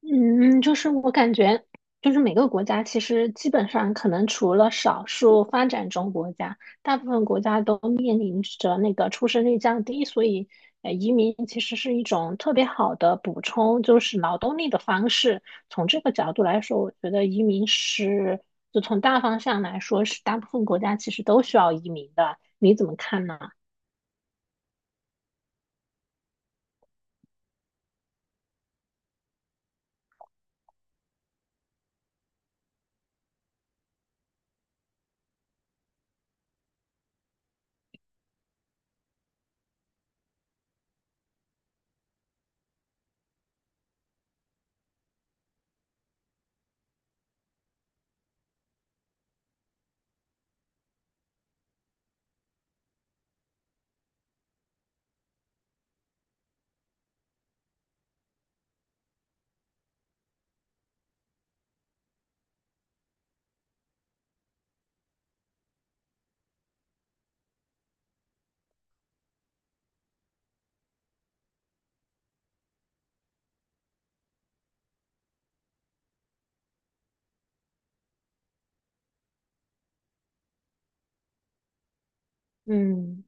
嗯，就是我感觉，就是每个国家其实基本上可能除了少数发展中国家，大部分国家都面临着那个出生率降低，所以移民其实是一种特别好的补充，就是劳动力的方式。从这个角度来说，我觉得移民是，就从大方向来说，是大部分国家其实都需要移民的。你怎么看呢？嗯，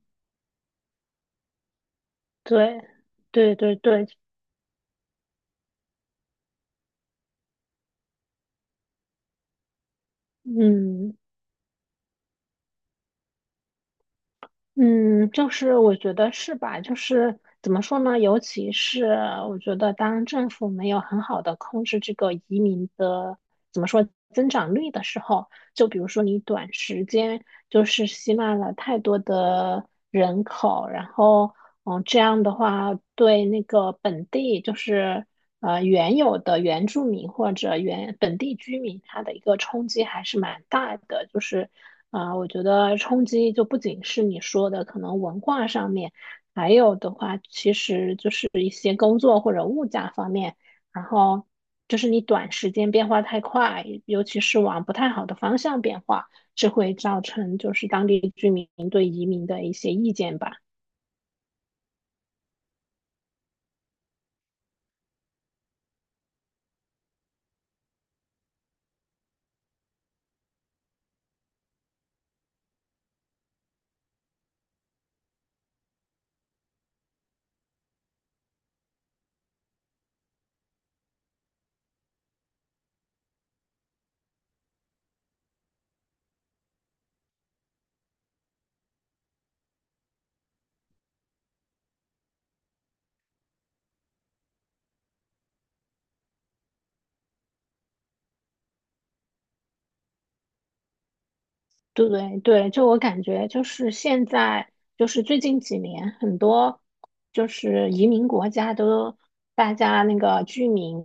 对，对对对，嗯。嗯，就是我觉得是吧？就是怎么说呢？尤其是我觉得，当政府没有很好的控制这个移民的怎么说增长率的时候，就比如说你短时间就是吸纳了太多的人口，然后嗯，这样的话对那个本地就是原有的原住民或者原本地居民他的一个冲击还是蛮大的，就是啊、我觉得冲击就不仅是你说的可能文化上面，还有的话其实就是一些工作或者物价方面，然后就是你短时间变化太快，尤其是往不太好的方向变化，这会造成就是当地居民对移民的一些意见吧。对对，就我感觉，就是现在，就是最近几年，很多就是移民国家都，大家那个居民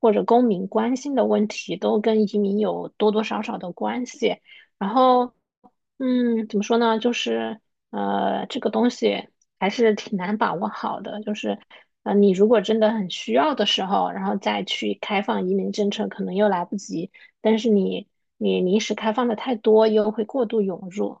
或者公民关心的问题，都跟移民有多多少少的关系。然后，嗯，怎么说呢？就是这个东西还是挺难把握好的。就是你如果真的很需要的时候，然后再去开放移民政策，可能又来不及。但是你临时开放的太多，又会过度涌入。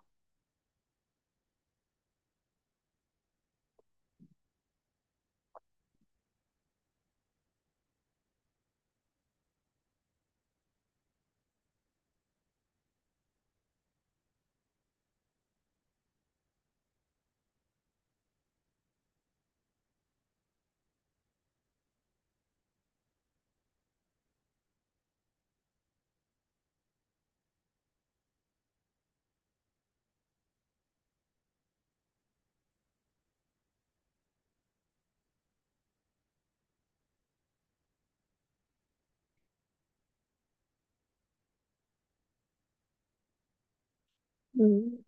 嗯，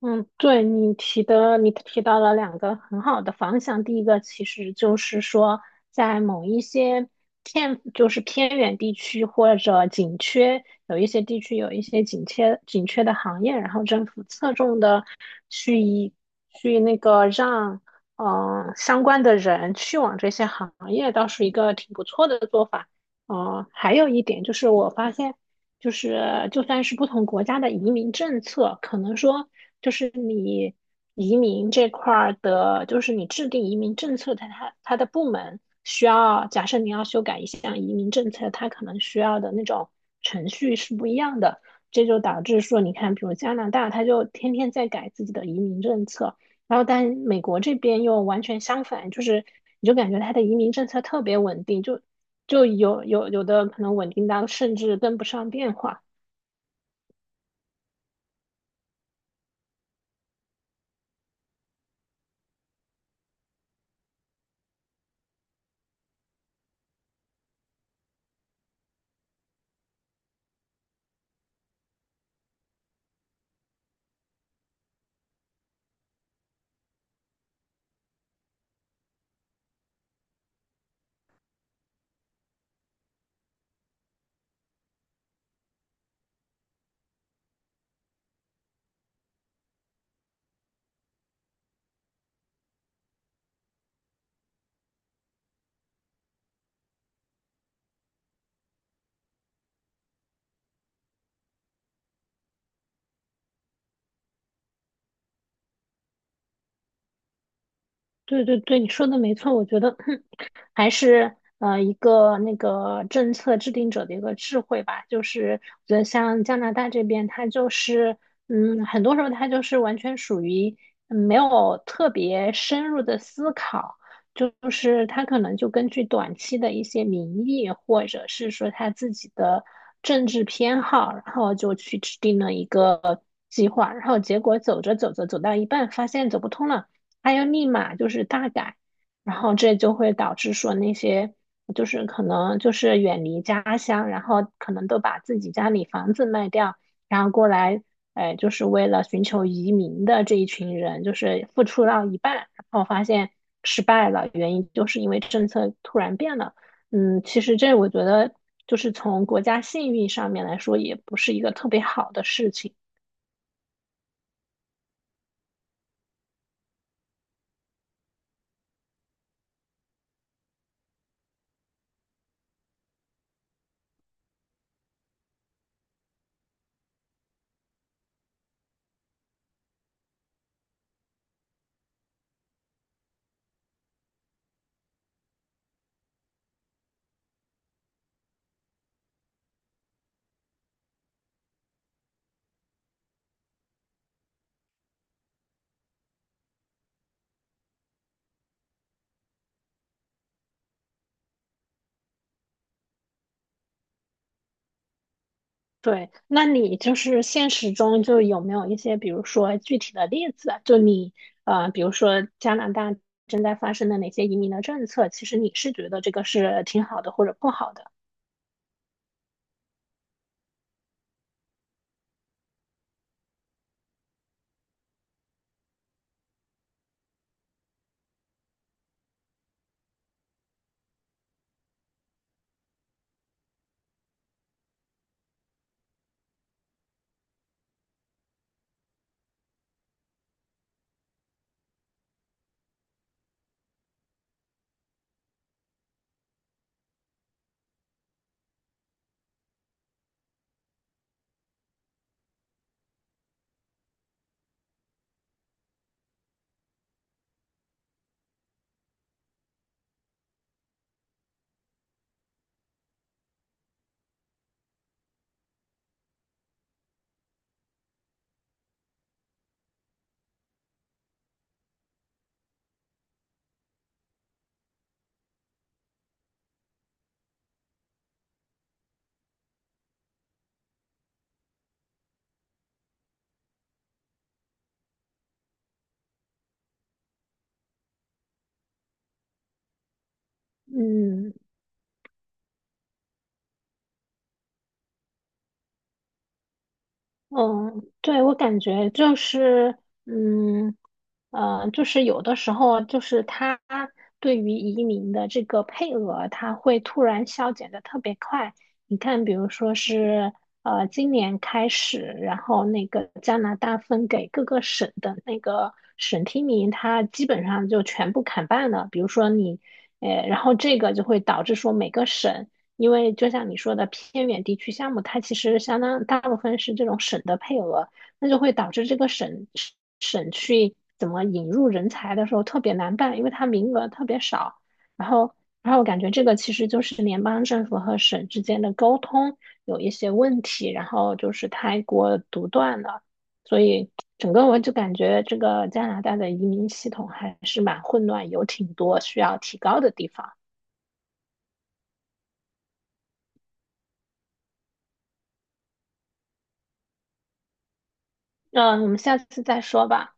嗯，对你提的，你提到了两个很好的方向。第一个其实就是说，在某一些偏就是偏远地区或者紧缺，有一些地区有一些紧缺的行业，然后政府侧重的去以去那个让嗯、相关的人去往这些行业，倒是一个挺不错的做法。嗯、还有一点就是我发现。就是就算是不同国家的移民政策，可能说就是你移民这块儿的，就是你制定移民政策的它的部门需要，假设你要修改一项移民政策，它可能需要的那种程序是不一样的，这就导致说，你看，比如加拿大，它就天天在改自己的移民政策，然后但美国这边又完全相反，就是你就感觉它的移民政策特别稳定，就就有的可能稳定到甚至跟不上变化。对对对，你说的没错，我觉得 还是一个那个政策制定者的一个智慧吧。就是我觉得像加拿大这边，它就是嗯，很多时候它就是完全属于嗯没有特别深入的思考，就是它可能就根据短期的一些民意，或者是说他自己的政治偏好，然后就去制定了一个计划，然后结果走着走着走到一半，发现走不通了。还要立马就是大改，然后这就会导致说那些就是可能就是远离家乡，然后可能都把自己家里房子卖掉，然后过来，就是为了寻求移民的这一群人，就是付出到一半，然后发现失败了，原因就是因为政策突然变了。嗯，其实这我觉得就是从国家信誉上面来说，也不是一个特别好的事情。对，那你就是现实中就有没有一些，比如说具体的例子啊就你比如说加拿大正在发生的哪些移民的政策，其实你是觉得这个是挺好的或者不好的？嗯。嗯，对，我感觉就是，嗯，就是有的时候，就是他对于移民的这个配额，他会突然削减的特别快。你看，比如说是今年开始，然后那个加拿大分给各个省的那个省提名，它基本上就全部砍半了。比如说你，然后这个就会导致说每个省。因为就像你说的，偏远地区项目，它其实相当大部分是这种省的配额，那就会导致这个省去怎么引入人才的时候特别难办，因为它名额特别少。然后，然后我感觉这个其实就是联邦政府和省之间的沟通有一些问题，然后就是太过独断了，所以整个我就感觉这个加拿大的移民系统还是蛮混乱，有挺多需要提高的地方。那我们下次再说吧。